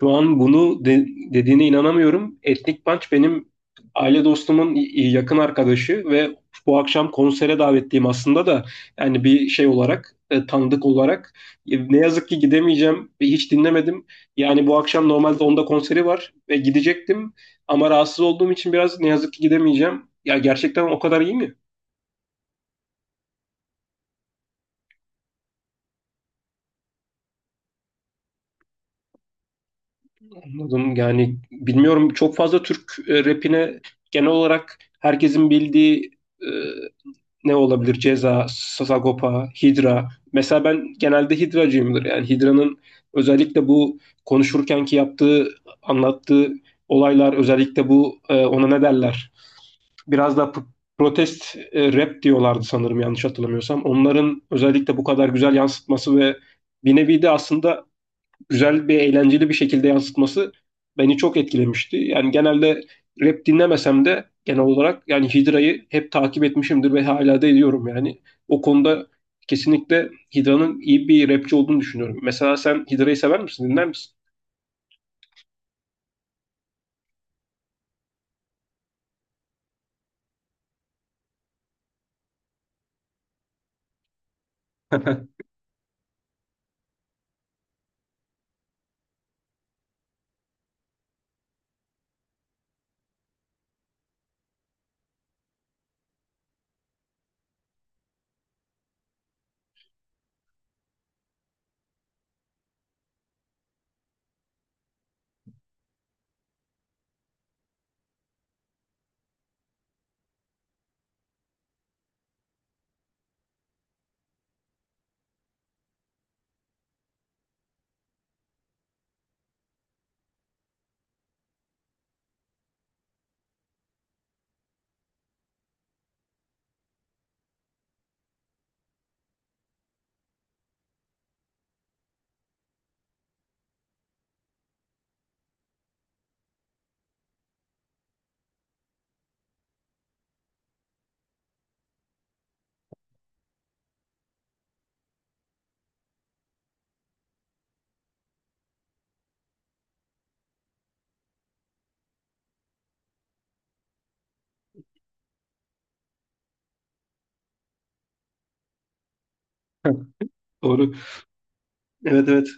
Şu an bunu dediğine inanamıyorum. Etnik Punch benim aile dostumun yakın arkadaşı ve bu akşam konsere davetliyim aslında da yani bir şey olarak tanıdık olarak. Ne yazık ki gidemeyeceğim ve hiç dinlemedim. Yani bu akşam normalde onda konseri var ve gidecektim ama rahatsız olduğum için biraz ne yazık ki gidemeyeceğim. Ya gerçekten o kadar iyi mi? Anladım. Yani bilmiyorum, çok fazla Türk rapine genel olarak herkesin bildiği e, ne olabilir? Ceza, Sagopa, Hydra. Mesela ben genelde Hydra'cıyımdır. Yani Hydra'nın özellikle bu konuşurkenki yaptığı, anlattığı olaylar, özellikle bu, ona ne derler? Biraz da protest rap diyorlardı sanırım, yanlış hatırlamıyorsam. Onların özellikle bu kadar güzel yansıtması ve bir nevi de aslında güzel bir, eğlenceli bir şekilde yansıtması beni çok etkilemişti. Yani genelde rap dinlemesem de genel olarak yani Hidra'yı hep takip etmişimdir ve hala da ediyorum yani. O konuda kesinlikle Hidra'nın iyi bir rapçi olduğunu düşünüyorum. Mesela sen Hidra'yı sever misin? Dinler misin? Doğru. Evet, evet.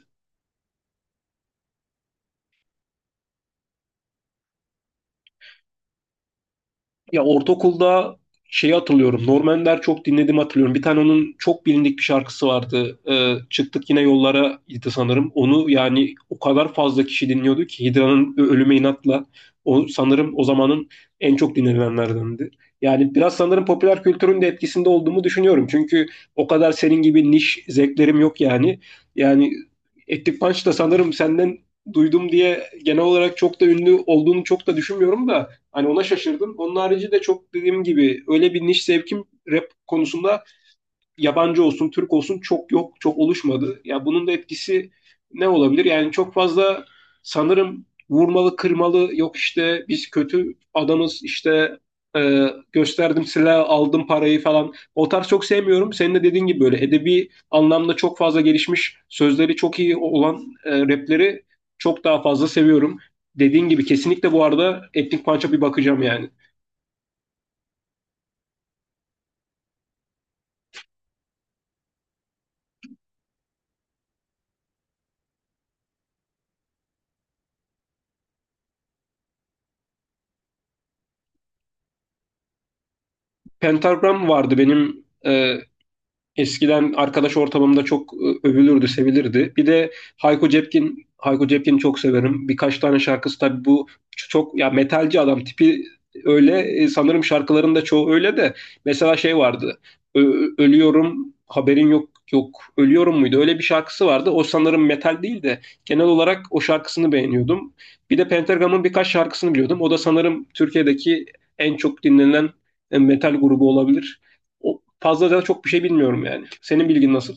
Ya ortaokulda şeyi hatırlıyorum. Norman Der çok dinlediğimi hatırlıyorum. Bir tane onun çok bilindik bir şarkısı vardı. Çıktık Yine Yollara idi sanırım. Onu yani o kadar fazla kişi dinliyordu ki, Hidra'nın Ölüme İnat'la o, sanırım o zamanın en çok dinlenenlerdendi. Yani biraz sanırım popüler kültürün de etkisinde olduğumu düşünüyorum. Çünkü o kadar senin gibi niş zevklerim yok yani. Yani Ettik Punch da sanırım senden duydum diye, genel olarak çok da ünlü olduğunu çok da düşünmüyorum da, hani ona şaşırdım. Onun harici de çok, dediğim gibi, öyle bir niş sevkim rap konusunda, yabancı olsun, Türk olsun, çok yok, çok oluşmadı. Ya bunun da etkisi ne olabilir? Yani çok fazla sanırım vurmalı, kırmalı, yok işte biz kötü adamız işte, e, gösterdim silah, aldım parayı falan. O tarz çok sevmiyorum. Senin de dediğin gibi böyle edebi anlamda çok fazla gelişmiş, sözleri çok iyi olan rapleri çok daha fazla seviyorum. Dediğin gibi kesinlikle bu arada Etnik Punch'a bir bakacağım yani. Pentagram vardı benim, eskiden arkadaş ortamımda çok övülürdü, sevilirdi. Bir de Hayko Cepkin, Hayko Cepkin'i çok severim. Birkaç tane şarkısı tabii bu çok ya metalci adam tipi öyle. Sanırım şarkıların da çoğu öyle de mesela şey vardı. Ölüyorum haberin yok, yok ölüyorum muydu? Öyle bir şarkısı vardı. O sanırım metal değil de genel olarak o şarkısını beğeniyordum. Bir de Pentagram'ın birkaç şarkısını biliyordum. O da sanırım Türkiye'deki en çok dinlenen metal grubu olabilir. O, fazla da çok bir şey bilmiyorum yani. Senin bilgin nasıl?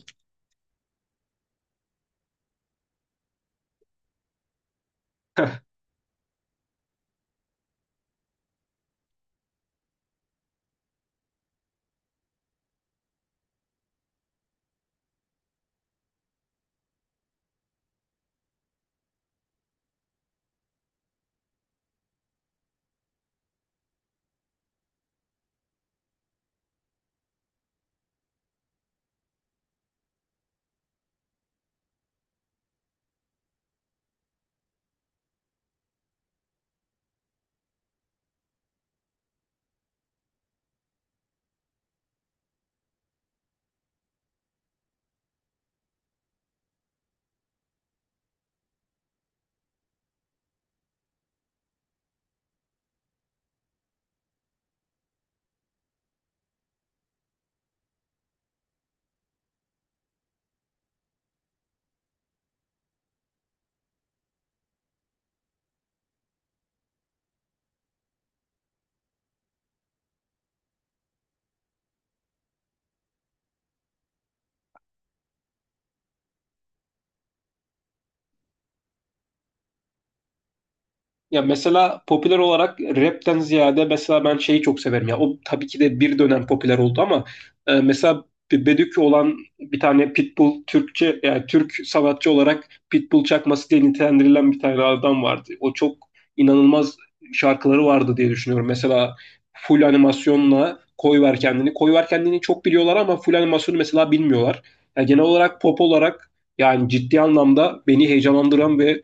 Ya mesela popüler olarak rapten ziyade mesela ben şeyi çok severim ya. O tabii ki de bir dönem popüler oldu ama mesela bir Bedük olan, bir tane Pitbull Türkçe, yani Türk sanatçı olarak Pitbull çakması diye nitelendirilen bir tane adam vardı. O çok inanılmaz şarkıları vardı diye düşünüyorum. Mesela full animasyonla Koy Ver Kendini. Koy Ver Kendini çok biliyorlar ama full animasyonu mesela bilmiyorlar. Yani genel olarak pop olarak, yani ciddi anlamda beni heyecanlandıran ve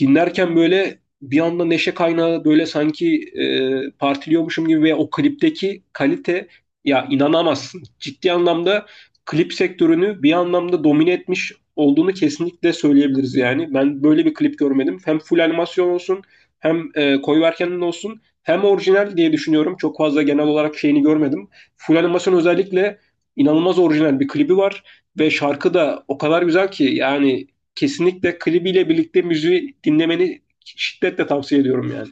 dinlerken böyle bir anda neşe kaynağı, böyle sanki partiliyormuşum gibi, ve o klipteki kalite ya, inanamazsın. Ciddi anlamda klip sektörünü bir anlamda domine etmiş olduğunu kesinlikle söyleyebiliriz yani. Ben böyle bir klip görmedim. Hem full animasyon olsun hem koyu olsun hem orijinal diye düşünüyorum. Çok fazla genel olarak şeyini görmedim. Full animasyon özellikle inanılmaz orijinal bir klibi var ve şarkı da o kadar güzel ki yani kesinlikle klibiyle birlikte müziği dinlemeni şiddetle tavsiye ediyorum yani.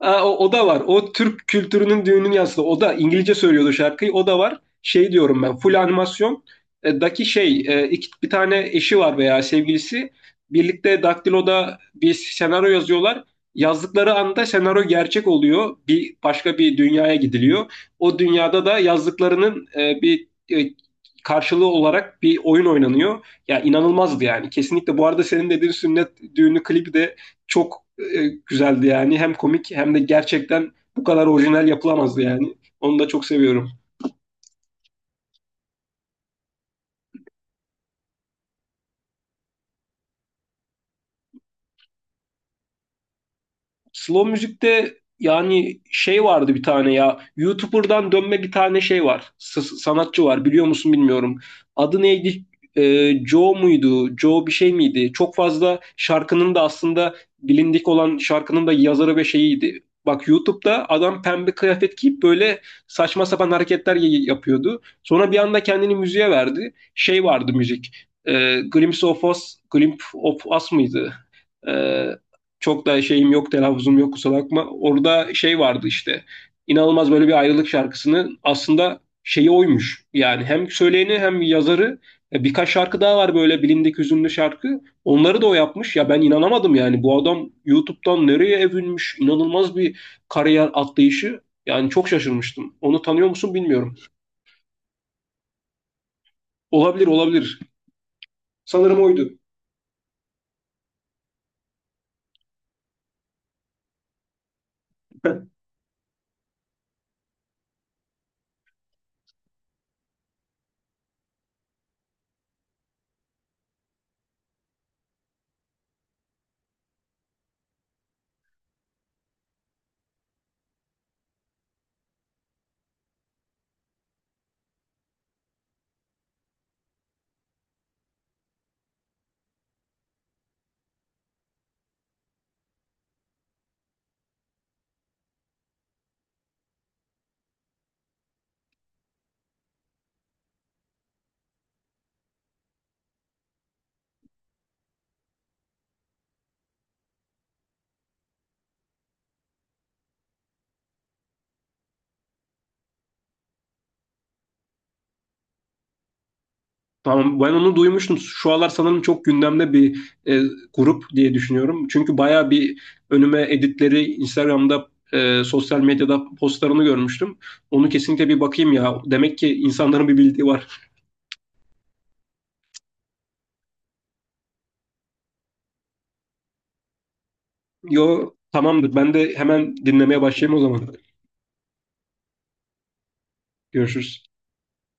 Aa, o, o da var. O Türk kültürünün düğünün yansıdı. O da İngilizce söylüyordu şarkıyı. O da var. Şey diyorum ben. Full animasyon daki şey, bir tane eşi var veya sevgilisi. Birlikte Daktilo'da bir senaryo yazıyorlar. Yazdıkları anda senaryo gerçek oluyor. Bir başka bir dünyaya gidiliyor. O dünyada da yazdıklarının bir karşılığı olarak bir oyun oynanıyor. Ya inanılmazdı yani. Kesinlikle bu arada senin dediğin sünnet düğünü klibi de çok güzeldi yani. Hem komik hem de gerçekten bu kadar orijinal yapılamazdı yani. Onu da çok seviyorum. Slow müzikte yani şey vardı bir tane ya. YouTuber'dan dönme bir tane şey var. Sanatçı var. Biliyor musun bilmiyorum. Adı neydi? Joe muydu? Joe bir şey miydi? Çok fazla şarkının da aslında, bilindik olan şarkının da yazarı ve şeyiydi. Bak, YouTube'da adam pembe kıyafet giyip böyle saçma sapan hareketler yapıyordu. Sonra bir anda kendini müziğe verdi. Şey vardı müzik. Glimpse of Us, Glimpse of Us mıydı? Ee, Çok da şeyim yok, telaffuzum yok, kusura bakma. Orada şey vardı işte. İnanılmaz, böyle bir ayrılık şarkısının aslında şeyi oymuş. Yani hem söyleyeni hem yazarı. Birkaç şarkı daha var böyle bilindik hüzünlü şarkı. Onları da o yapmış. Ya ben inanamadım yani. Bu adam YouTube'dan nereye evrilmiş? İnanılmaz bir kariyer atlayışı. Yani çok şaşırmıştım. Onu tanıyor musun bilmiyorum. Olabilir, olabilir. Sanırım oydu. Tamam, ben onu duymuştum. Şu aralar sanırım çok gündemde bir grup diye düşünüyorum. Çünkü baya bir önüme editleri Instagram'da, sosyal medyada postlarını görmüştüm. Onu kesinlikle bir bakayım ya. Demek ki insanların bir bildiği var. Yo, tamamdır. Ben de hemen dinlemeye başlayayım o zaman. Görüşürüz.